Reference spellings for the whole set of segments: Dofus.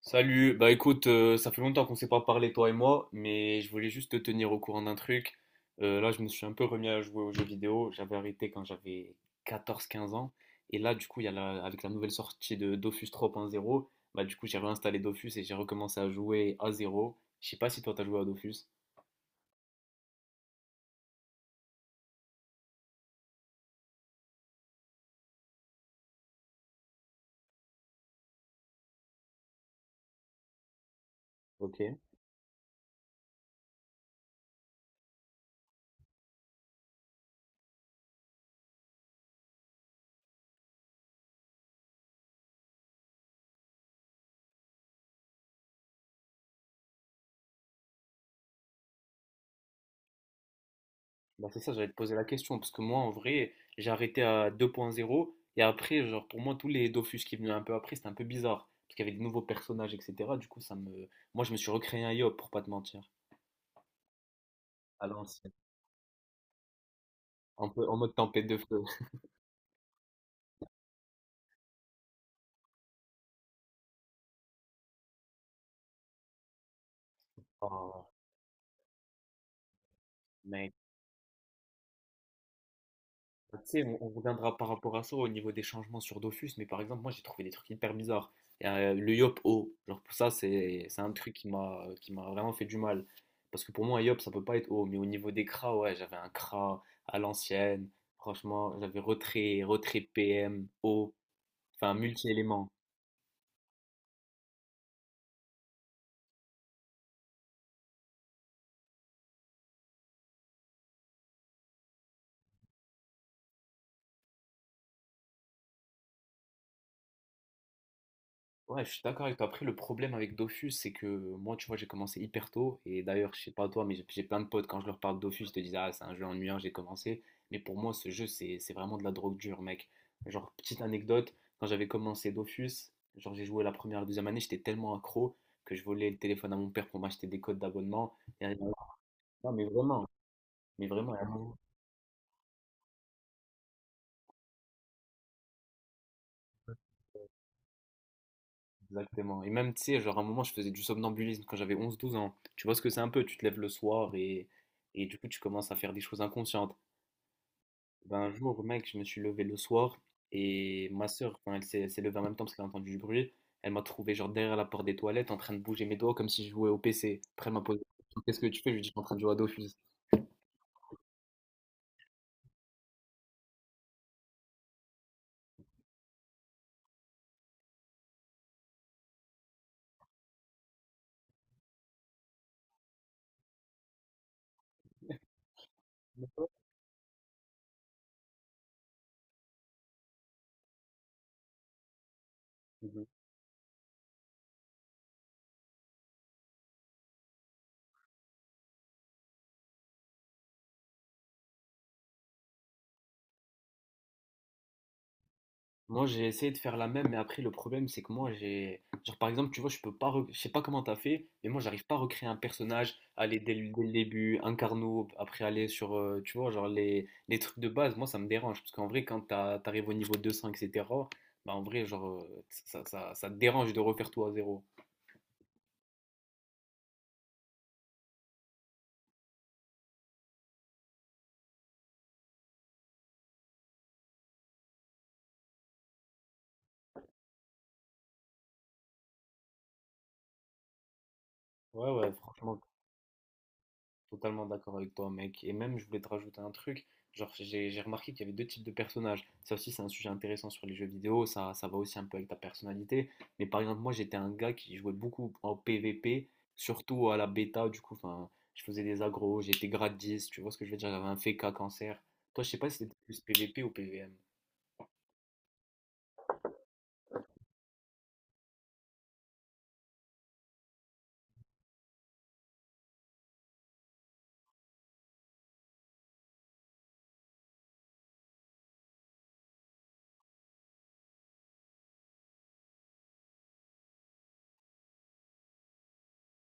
Salut, bah écoute, ça fait longtemps qu'on s'est pas parlé toi et moi, mais je voulais juste te tenir au courant d'un truc. Là, je me suis un peu remis à jouer aux jeux vidéo. J'avais arrêté quand j'avais 14, 15 ans. Et là, du coup, il y a la- avec la nouvelle sortie de Dofus 3.0, bah du coup, j'ai réinstallé Dofus et j'ai recommencé à jouer à zéro. Je sais pas si toi, t'as joué à Dofus. Ok. Bah, c'est ça, j'allais te poser la question, parce que moi, en vrai, j'ai arrêté à 2.0, et après, genre, pour moi, tous les Dofus qui venaient un peu après, c'était un peu bizarre, parce qu'il y avait des nouveaux personnages, etc. Moi, je me suis recréé un Yop, pour pas te mentir, à l'ancienne, un peu en mode tempête de feu. Oh, mec. Tu sais, on reviendra par rapport à ça au niveau des changements sur Dofus, mais par exemple, moi j'ai trouvé des trucs hyper bizarres. Le yop O, genre pour ça, c'est un truc qui m'a vraiment fait du mal. Parce que pour moi, un yop, ça peut pas être O, mais au niveau des cras, ouais, j'avais un cra à l'ancienne, franchement, j'avais retrait PM, O, enfin multi-éléments. Ouais, je suis d'accord avec toi. Après, le problème avec Dofus, c'est que moi, tu vois, j'ai commencé hyper tôt. Et d'ailleurs, je sais pas toi, mais j'ai plein de potes, quand je leur parle de Dofus, ils te disent, ah, c'est un jeu ennuyant, j'ai commencé. Mais pour moi, ce jeu, c'est vraiment de la drogue dure, mec. Genre, petite anecdote, quand j'avais commencé Dofus, genre, j'ai joué la première, la deuxième année, j'étais tellement accro que je volais le téléphone à mon père pour m'acheter des codes d'abonnement. Et à- un moment- Non, mais vraiment, à un moment. Exactement. Et même, tu sais, genre à un moment, je faisais du somnambulisme quand j'avais 11, 12 ans. Tu vois ce que c'est un peu, tu te lèves le soir et du coup, tu commences à faire des choses inconscientes. Ben, un jour, mec, je me suis levé le soir et ma soeur, elle s'est levée en même temps parce qu'elle a entendu du bruit. Elle m'a trouvé genre derrière la porte des toilettes en train de bouger mes doigts comme si je jouais au PC. Après, elle m'a posé la question, qu'est-ce que tu fais? Je lui ai dit, je suis en train de jouer à Dofus. Moi, j'ai essayé de faire la même, mais après, le problème, c'est que moi, j'ai. Genre, par exemple, tu vois, je peux pas. Je sais pas comment t'as fait, mais moi, j'arrive pas à recréer un personnage, aller dès le début, un carnot, après aller sur, tu vois, genre les trucs de base. Moi, ça me dérange, parce qu'en vrai, quand t'arrives au niveau 200, etc., bah, en vrai, genre, ça te dérange de refaire tout à zéro. Ouais, ouais, franchement. Totalement d'accord avec toi, mec. Et même, je voulais te rajouter un truc. Genre, j'ai remarqué qu'il y avait deux types de personnages. Ça aussi, c'est un sujet intéressant sur les jeux vidéo. Ça va aussi un peu avec ta personnalité. Mais par exemple, moi, j'étais un gars qui jouait beaucoup en PVP, surtout à la bêta. Du coup, enfin, je faisais des agros, j'étais grade 10. Tu vois ce que je veux dire? J'avais un FK cancer. Toi, je sais pas si c'était plus PVP ou PVM.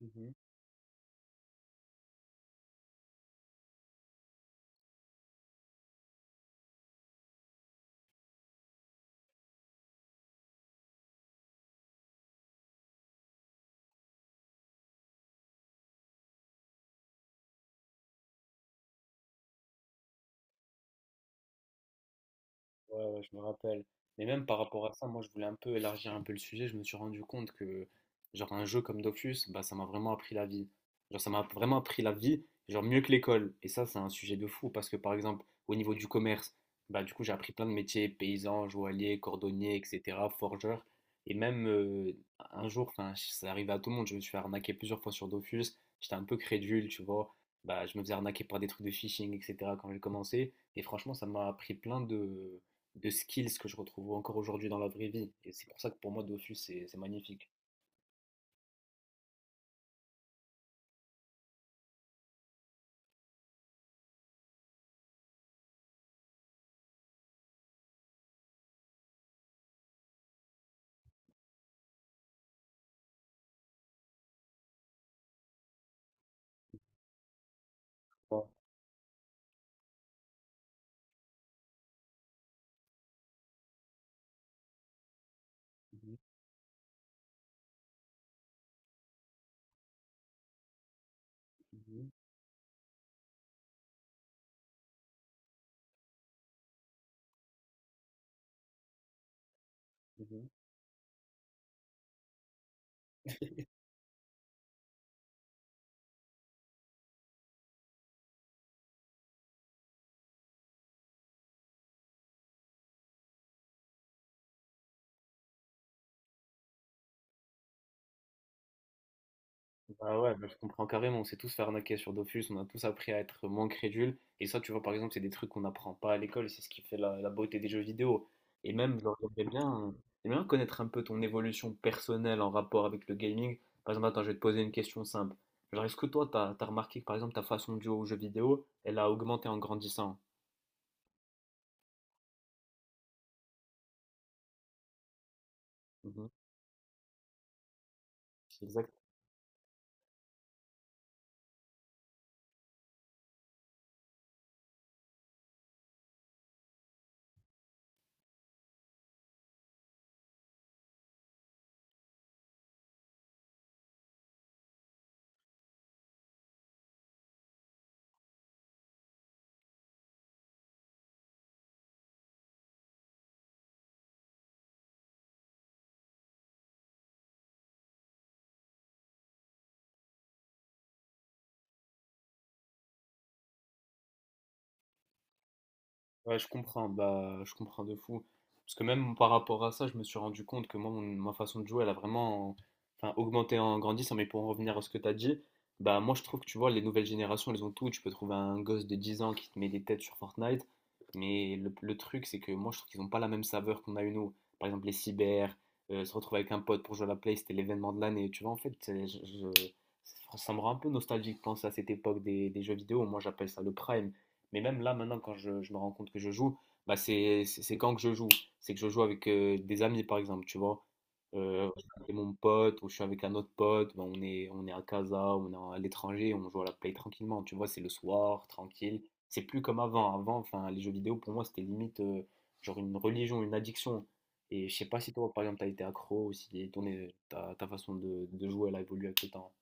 Mhm. Ouais, ouais, je me rappelle. Mais même par rapport à ça, moi, je voulais un peu élargir un peu le sujet. Je me suis rendu compte que, genre, un jeu comme Dofus, bah, ça m'a vraiment appris la vie. Genre, ça m'a vraiment appris la vie, genre, mieux que l'école. Et ça, c'est un sujet de fou parce que, par exemple, au niveau du commerce, bah, du coup, j'ai appris plein de métiers, paysan, joaillier, cordonnier, etc., forgeur. Et même un jour, enfin, ça arrivait à tout le monde, je me suis fait arnaquer plusieurs fois sur Dofus. J'étais un peu crédule, tu vois. Bah, je me faisais arnaquer par des trucs de phishing, etc., quand j'ai commencé. Et franchement, ça m'a appris plein de skills que je retrouve encore aujourd'hui dans la vraie vie. Et c'est pour ça que pour moi, Dofus, c'est magnifique. Ouais. Mhm, mhm, mhm. Bah ouais, bah je comprends carrément. On s'est tous fait arnaquer sur Dofus, on a tous appris à être moins crédules. Et ça, tu vois, par exemple, c'est des trucs qu'on n'apprend pas à l'école, c'est ce qui fait la beauté des jeux vidéo. Et même, genre, j'aimerais bien connaître un peu ton évolution personnelle en rapport avec le gaming. Par exemple, attends, je vais te poser une question simple. Genre, est-ce que toi, t'as remarqué que, par exemple, ta façon de jouer aux jeux vidéo, elle a augmenté en grandissant? Mhm. Exactement. Ouais, je comprends, bah, je comprends de fou. Parce que même par rapport à ça, je me suis rendu compte que moi, ma façon de jouer, elle a vraiment enfin, augmenté en grandissant. Mais pour en revenir à ce que tu as dit, bah, moi, je trouve que tu vois, les nouvelles générations, elles ont tout. Tu peux trouver un gosse de 10 ans qui te met des têtes sur Fortnite. Mais le truc, c'est que moi, je trouve qu'ils n'ont pas la même saveur qu'on a eu nous. Par exemple, les cyber, se retrouver avec un pote pour jouer à la Play, c'était l'événement de l'année. Tu vois, en fait, ça me rend un peu nostalgique de penser à cette époque des jeux vidéo. Moi, j'appelle ça le prime. Mais même là, maintenant, quand je me rends compte que je joue, bah c'est quand que je joue. C'est que je joue avec des amis, par exemple, tu vois. Je suis avec mon pote ou je suis avec un autre pote, bah, on est à casa, on est à l'étranger, on joue à la play tranquillement, tu vois, c'est le soir, tranquille. C'est plus comme avant. Avant, enfin, les jeux vidéo, pour moi, c'était limite genre une religion, une addiction. Et je sais pas si toi, par exemple, t'as été accro ou si ta façon de jouer, elle a évolué avec le temps.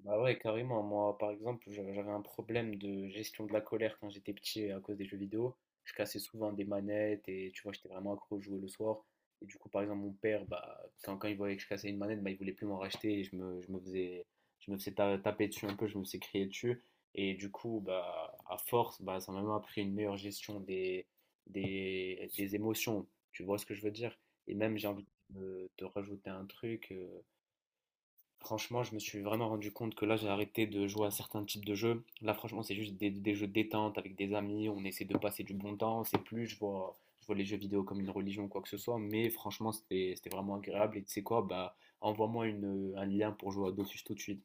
Bah ouais, carrément. Moi, par exemple, j'avais un problème de gestion de la colère quand j'étais petit à cause des jeux vidéo. Je cassais souvent des manettes et tu vois, j'étais vraiment accro à jouer le soir. Et du coup, par exemple, mon père, bah, quand il voyait que je cassais une manette, bah, il voulait plus m'en racheter et je me faisais taper dessus un peu, je me faisais crier dessus. Et du coup, bah, à force, bah, ça m'a même appris une meilleure gestion des émotions. Tu vois ce que je veux dire? Et même, j'ai envie de rajouter un truc. Franchement, je me suis vraiment rendu compte que là, j'ai arrêté de jouer à certains types de jeux. Là, franchement, c'est juste des jeux de détente avec des amis. On essaie de passer du bon temps. C'est plus, je vois les jeux vidéo comme une religion ou quoi que ce soit. Mais franchement, c'était vraiment agréable. Et tu sais quoi, bah, envoie-moi un lien pour jouer à Dofus tout de suite.